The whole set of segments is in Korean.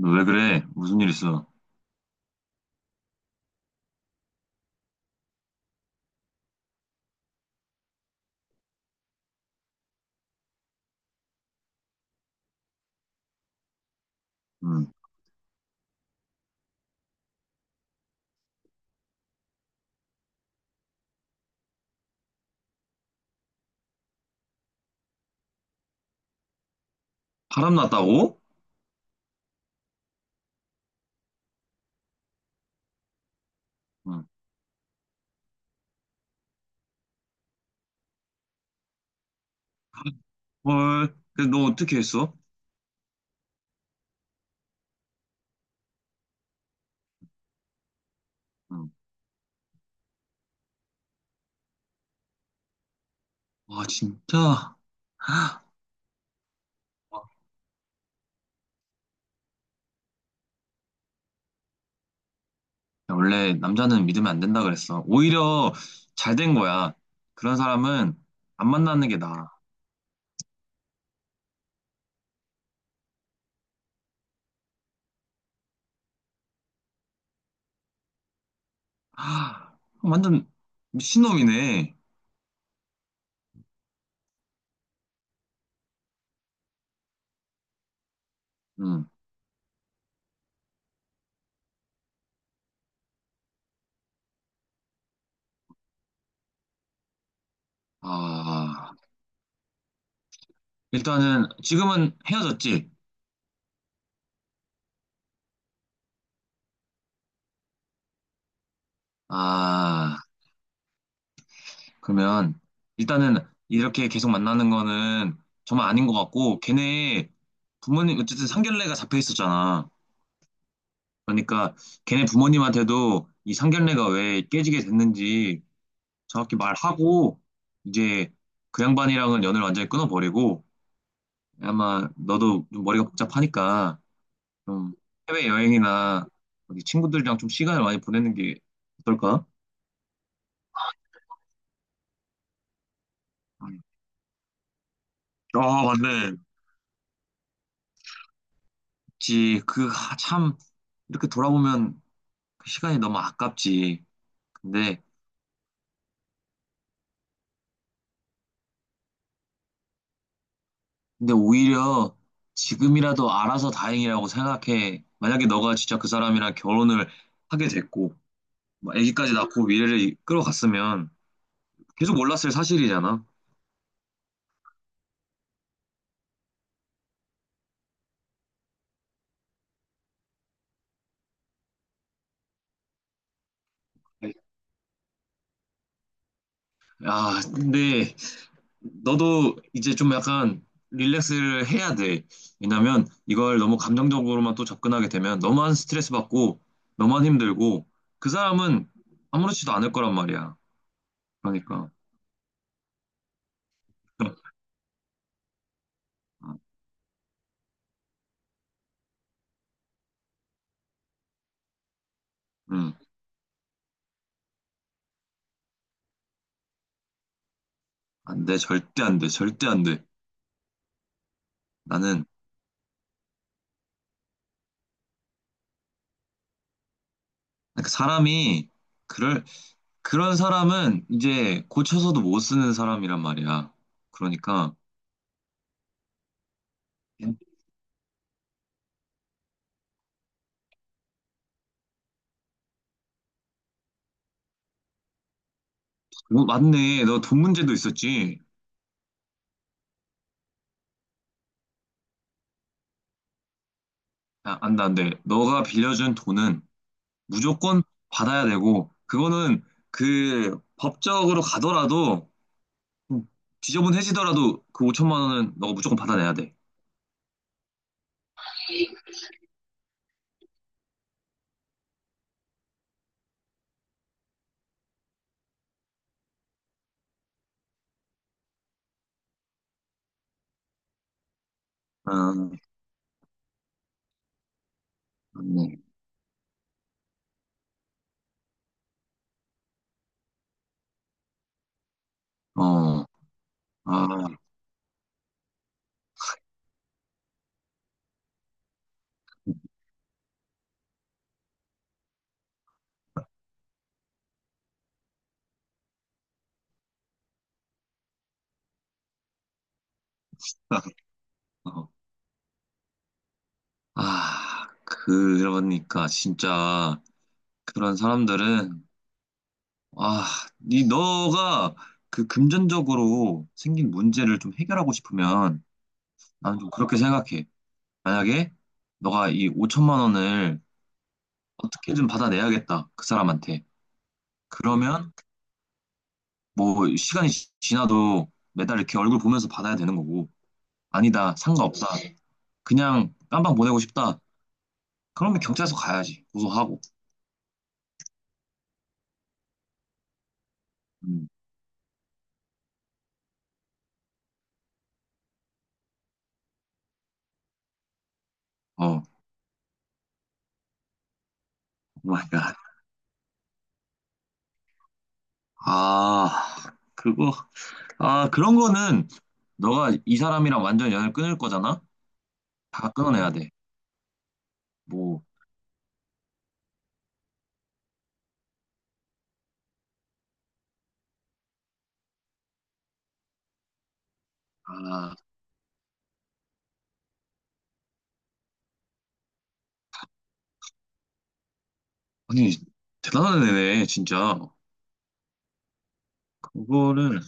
너 왜 그래? 무슨 일 있어? 응. 바람 났다고? 응. 헐, 근데 너 어떻게 했어? 응. 와, 진짜. 야, 원래 남자는 믿으면 안 된다 그랬어. 오히려 잘 된 거야. 그런 사람은 안 만나는 게 나아. 아, 완전 미친놈이네. 응. 아, 일단은 지금은 헤어졌지? 아, 그러면 일단은 이렇게 계속 만나는 거는 정말 아닌 것 같고 걔네 부모님 어쨌든 상견례가 잡혀 있었잖아. 그러니까 걔네 부모님한테도 이 상견례가 왜 깨지게 됐는지 정확히 말하고 이제 그 양반이랑은 연을 완전히 끊어버리고 아마 너도 좀 머리가 복잡하니까 좀 해외 여행이나 어디 친구들이랑 좀 시간을 많이 보내는 게 어떨까? 아 맞네. 그치. 이렇게 돌아보면 그 시간이 너무 아깝지. 근데, 근데 오히려 지금이라도 알아서 다행이라고 생각해. 만약에 너가 진짜 그 사람이랑 결혼을 하게 됐고, 뭐 아기까지 낳고 미래를 이끌어갔으면 계속 몰랐을 사실이잖아. 야, 근데 너도 이제 좀 약간 릴렉스를 해야 돼. 왜냐면 이걸 너무 감정적으로만 또 접근하게 되면 너만 스트레스 받고, 너만 힘들고, 그 사람은 아무렇지도 않을 거란 말이야. 그러니까. 응. 안 돼, 절대 안 돼, 절대 안 돼. 나는 그러니까 사람이 그럴 그런 사람은 이제 고쳐서도 못 쓰는 사람이란 말이야. 그러니까 어, 맞네, 너 돈 문제도 있었지. 야, 안 돼, 안 돼. 너가 빌려준 돈은 무조건 받아야 되고 그거는 그 법적으로 가더라도 좀 지저분해지더라도 그 5천만 원은 너가 무조건 받아내야 돼. 아, 맞네. 어, 아, 그러니까 진짜 그런 사람들은 아, 이 너가 그 금전적으로 생긴 문제를 좀 해결하고 싶으면 나는 좀 그렇게 생각해. 만약에 너가 이 5천만 원을 어떻게든 받아내야겠다. 그 사람한테. 그러면 뭐 시간이 지나도 매달 이렇게 얼굴 보면서 받아야 되는 거고. 아니다. 상관없다. 그냥 깜방 보내고 싶다. 그러면 경찰서 가야지. 고소하고. 음, 어, 오 마이 갓. 아, 그거, 그런 거는 너가 이 사람이랑 완전 연을 끊을 거잖아? 다 끊어내야 돼. 뭐, 아, 아니, 대단한 애네, 진짜. 그거는,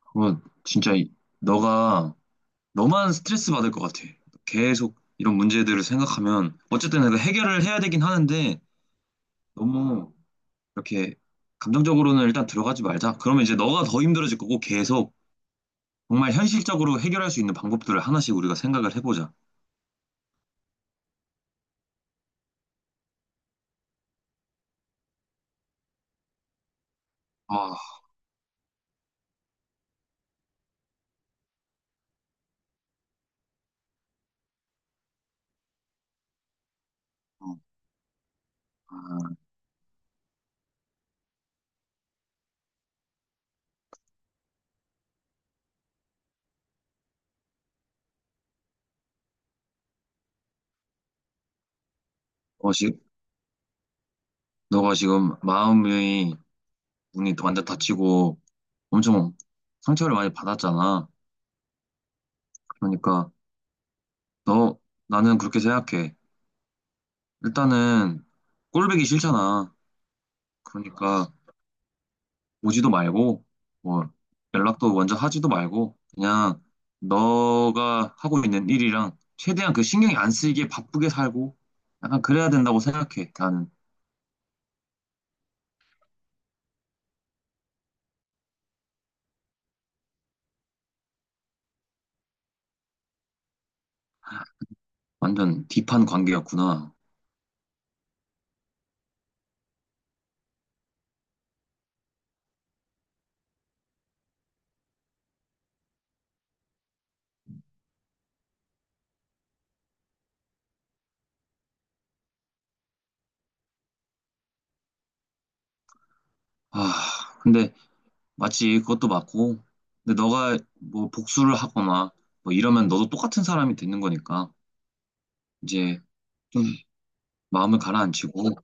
그거 진짜 너가, 너만 스트레스 받을 것 같아. 계속 이런 문제들을 생각하면, 어쨌든 내가 해결을 해야 되긴 하는데, 너무 이렇게 감정적으로는 일단 들어가지 말자. 그러면 이제 너가 더 힘들어질 거고, 계속 정말 현실적으로 해결할 수 있는 방법들을 하나씩 우리가 생각을 해보자. 아. 어, 너가 지금 마음이 문이 완전 닫히고 엄청 상처를 많이 받았잖아. 그러니까 너 나는 그렇게 생각해. 일단은 꼴보기 싫잖아. 그러니까 오지도 말고 뭐 연락도 먼저 하지도 말고 그냥 너가 하고 있는 일이랑 최대한 그 신경이 안 쓰이게 바쁘게 살고 약간 그래야 된다고 생각해. 나는 완전 딥한 관계였구나. 아, 근데 맞지, 그것도 맞고. 근데 너가 뭐 복수를 하거나 뭐 이러면 너도 똑같은 사람이 되는 거니까 이제 좀 마음을 가라앉히고.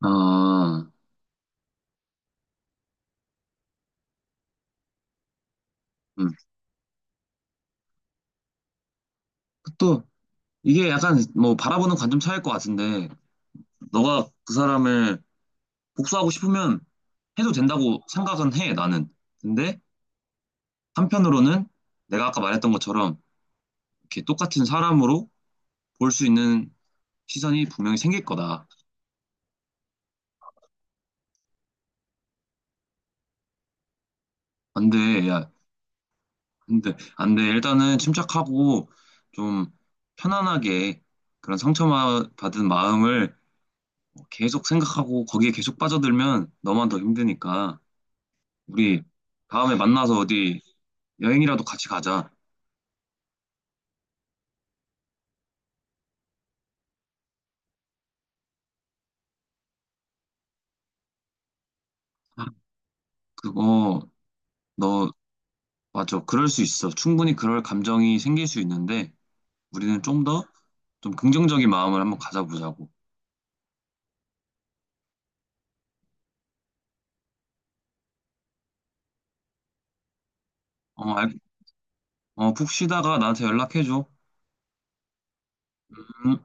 아, 음. 또 이게 약간 뭐 바라보는 관점 차이일 것 같은데 너가 그 사람을 복수하고 싶으면 해도 된다고 생각은 해, 나는. 근데 한편으로는 내가 아까 말했던 것처럼 이렇게 똑같은 사람으로 볼 수 있는 시선이 분명히 생길 거다. 안 돼. 야, 근데 안 돼. 일단은 침착하고 좀 편안하게 그런 상처받은 마음을 계속 생각하고 거기에 계속 빠져들면 너만 더 힘드니까 우리 다음에 만나서 어디 여행이라도 같이 가자. 아, 그거 너 맞아. 그럴 수 있어. 충분히 그럴 감정이 생길 수 있는데 우리는 좀 더 좀 긍정적인 마음을 한번 가져보자고. 어, 어, 푹 쉬다가 나한테 연락해줘. 음.